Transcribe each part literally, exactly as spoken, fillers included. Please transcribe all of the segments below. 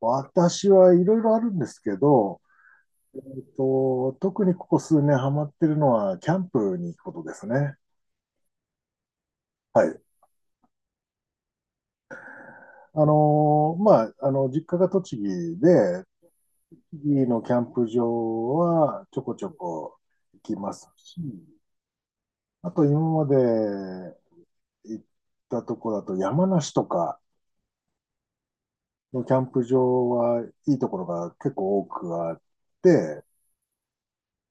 私はいろいろあるんですけど、えっと、特にここ数年ハマってるのは、キャンプに行くことですね。はい。あのーまあ、あの、実家が栃木で、栃木のキャンプ場はちょこちょこ行きますし、あと今まで行ったとこだと山梨とかのキャンプ場はいいところが結構多くあって、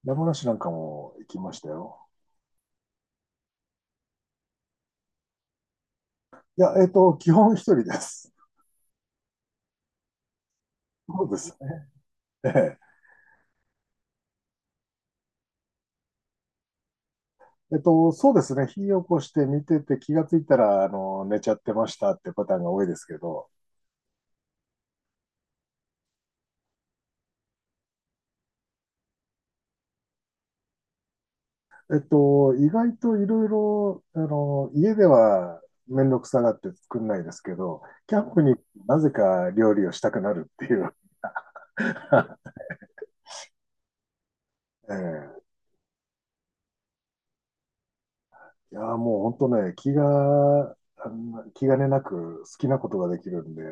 山梨なんかも行きましたよ。いや、えっと、基本一人です。そうです。えええっと、そうですね。火を起こして見てて気がついたら、あの、寝ちゃってましたってパターンが多いですけど、えっと、意外といろいろ、あの、家ではめんどくさがって作んないですけど、キャンプになぜか料理をしたくなるっていう。ええ、いや、もう本当ね、気が、あの気兼ねなく好きなことができるんで、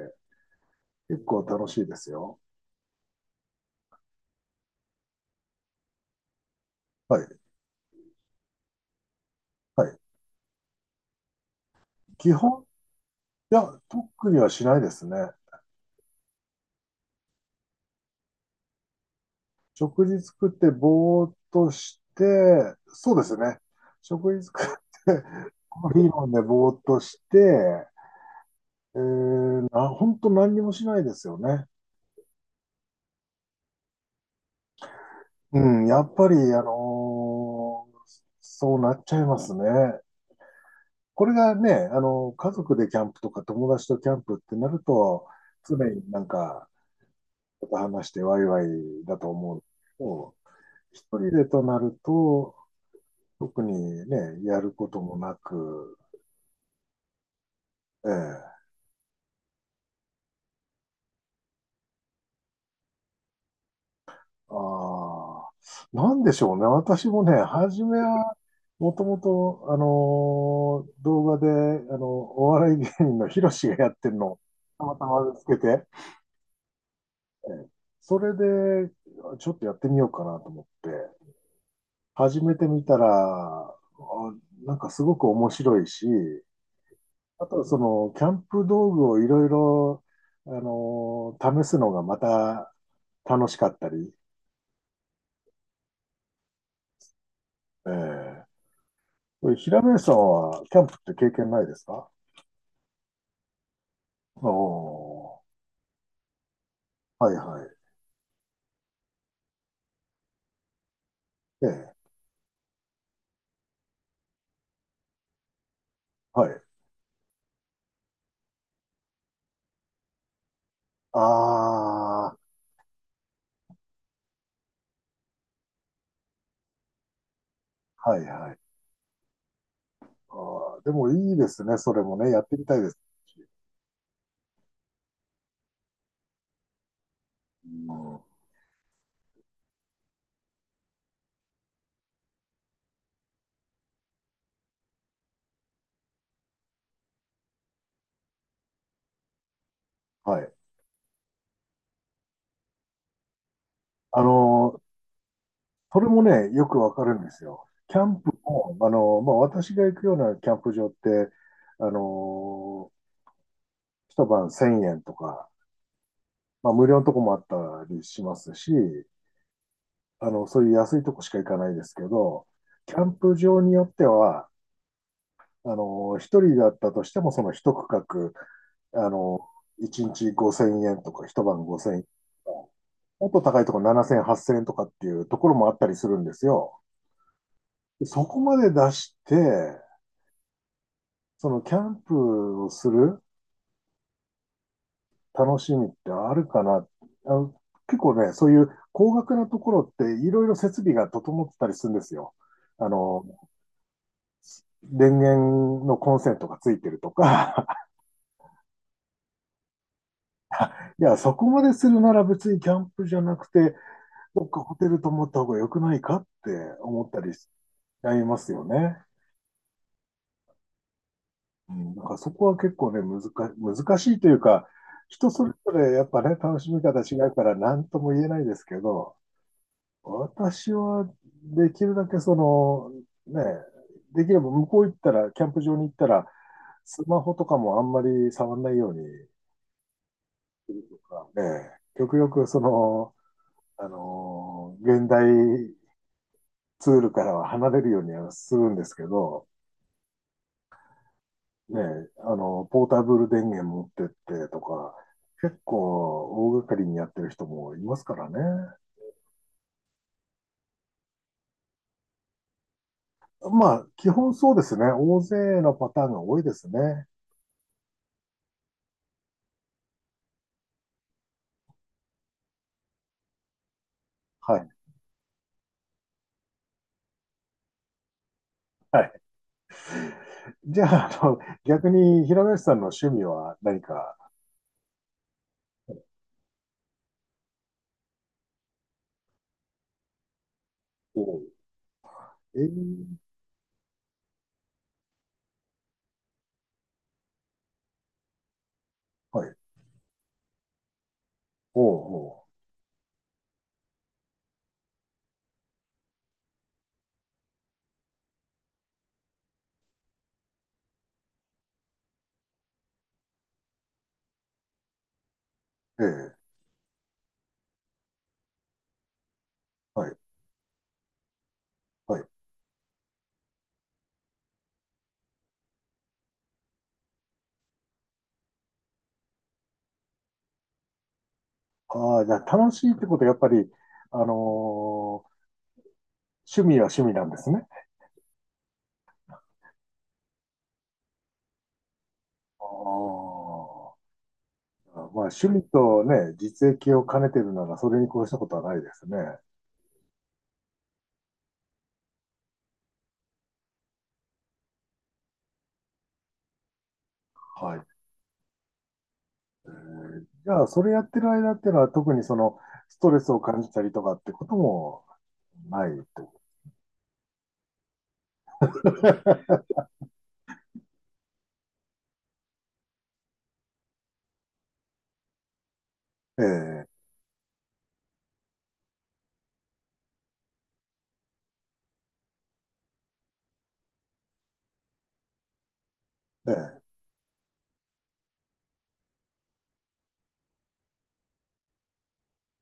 結構楽しいですよ。はい。はい。基本、いや、特にはしないですね。食事作ってぼーっとして、そうですね。食事作って、コーヒー飲んでぼーっとして、えー、な、本当何にもしないですよね。うん、やっぱり、あのーそうなっちゃいますね。これがね、あの、家族でキャンプとか友達とキャンプってなると、常になんか、ちょっと話してワイワイだと思うけど、一人でとなると、特にね、やることもなく、ええ。ああ。なんでしょうね。私もね、初めは、もともと、あのー動画で、あの、お笑い芸人のヒロシがやってるのをたまたま見つけて、ええ、それで、ちょっとやってみようかなと思って、始めてみたら、あなんかすごく面白いし、あとはその、キャンプ道具をいろいろ、あのー試すのがまた楽しかったり、ええ、これ平林さんはキャンプって経験ないですか？おー、はいはい。ええ、はい。ああ、はいはい。あー、でもいいですね。それもね、やってみたいです。うん、はい。あのー、それもね、よくわかるんですよ。キャンプも、あのー、まあ、私が行くようなキャンプ場って、あのー、一晩せんえんとか、まあ、無料のとこもあったりしますし、あの、そういう安いとこしか行かないですけど、キャンプ場によっては、あの、一人だったとしても、その一区画、あの、一日ごせんえんとか、一晩ごせんえんとか、もっと高いところななせんえん、はっせんえんとかっていうところもあったりするんですよ。でそこまで出して、そのキャンプをする楽しみってあるかな。あの、結構ね、そういう高額なところっていろいろ設備が整ってたりするんですよ。あの、電源のコンセントがついてるとか、いや、そこまでするなら別にキャンプじゃなくて、どっかホテル泊まった方が良くないかって思ったりしちゃいますよね。うん、だからそこは結構ね、難し難しいというか、人それぞれやっぱね、楽しみ方違うから何とも言えないですけど、私はできるだけその、ね、できれば向こう行ったら、キャンプ場に行ったら、スマホとかもあんまり触んないように、ね、極力その、あのー、現代ツールからは離れるようにはするんですけど、ね、あの、ポータブル電源持ってってとか、結構大掛かりにやってる人もいますからね。まあ、基本そうですね。大勢のパターンが多いですね。はい。はい。じゃあ、あの、逆に、平林さんの趣味は何か？おう、えー、はい。おう、おう、ええ、はい。はい。ああ、じゃあ、楽しいってことは、やっぱり、あのー趣味は趣味なんですね。ああ。まあ、趣味とね、実益を兼ねてるなら、それに越したことはないですね。はい。じゃあ、それやってる間っていうのは、特にその、ストレスを感じたりとかってこともないと。ええ、ええ、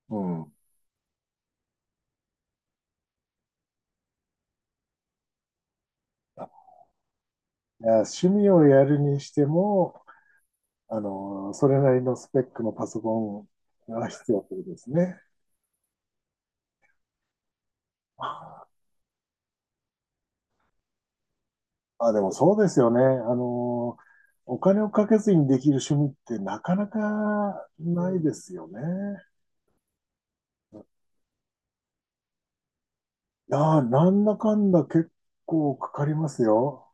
うん。あいや、趣味をやるにしても、あの、それなりのスペックのパソコンが必要ということですね。ああ、でもそうですよね。あの、お金をかけずにできる趣味ってなかなかないですよね。いやー、なんだかんだ結構かかりますよ。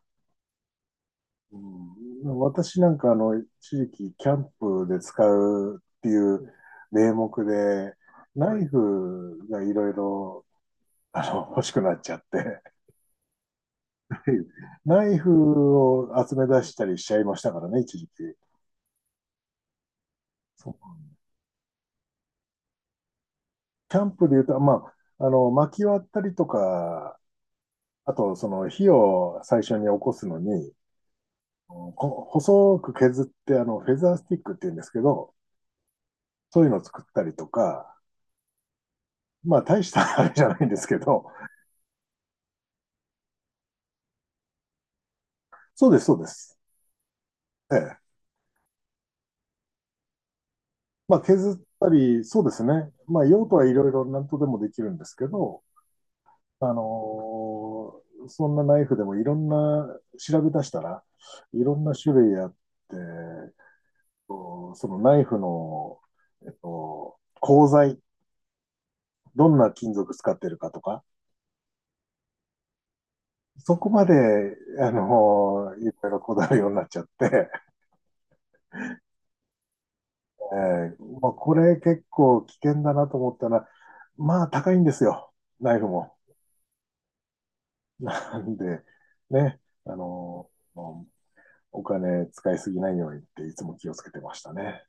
うん、私なんかあの、一時期キャンプで使うっていう名目で、ナイフがいろいろ、あの、欲しくなっちゃって、ナイフを集め出したりしちゃいましたからね、一時期。そう、キャンプで言うと、まあ、あの、薪割ったりとか、あと、その火を最初に起こすのに、うんこ細く削って、あの、フェザースティックって言うんですけど、そういうのを作ったりとか、まあ大したあれじゃないんですけど、そうです、そうです。ええ。まあ削ったり、そうですね。まあ用途はいろいろ何とでもできるんですけど、あのーそんなナイフでもいろんな、調べ出したらいろんな種類あって、こうそのナイフの、えっと、鋼材、どんな金属使ってるかとか、そこまで、あのーいろいろこだわるようになっちゃって、えーまあ、これ結構危険だなと思ったら、まあ高いんですよ、ナイフも。なんで、ね、あのお金使いすぎないようにっていつも気をつけてましたね。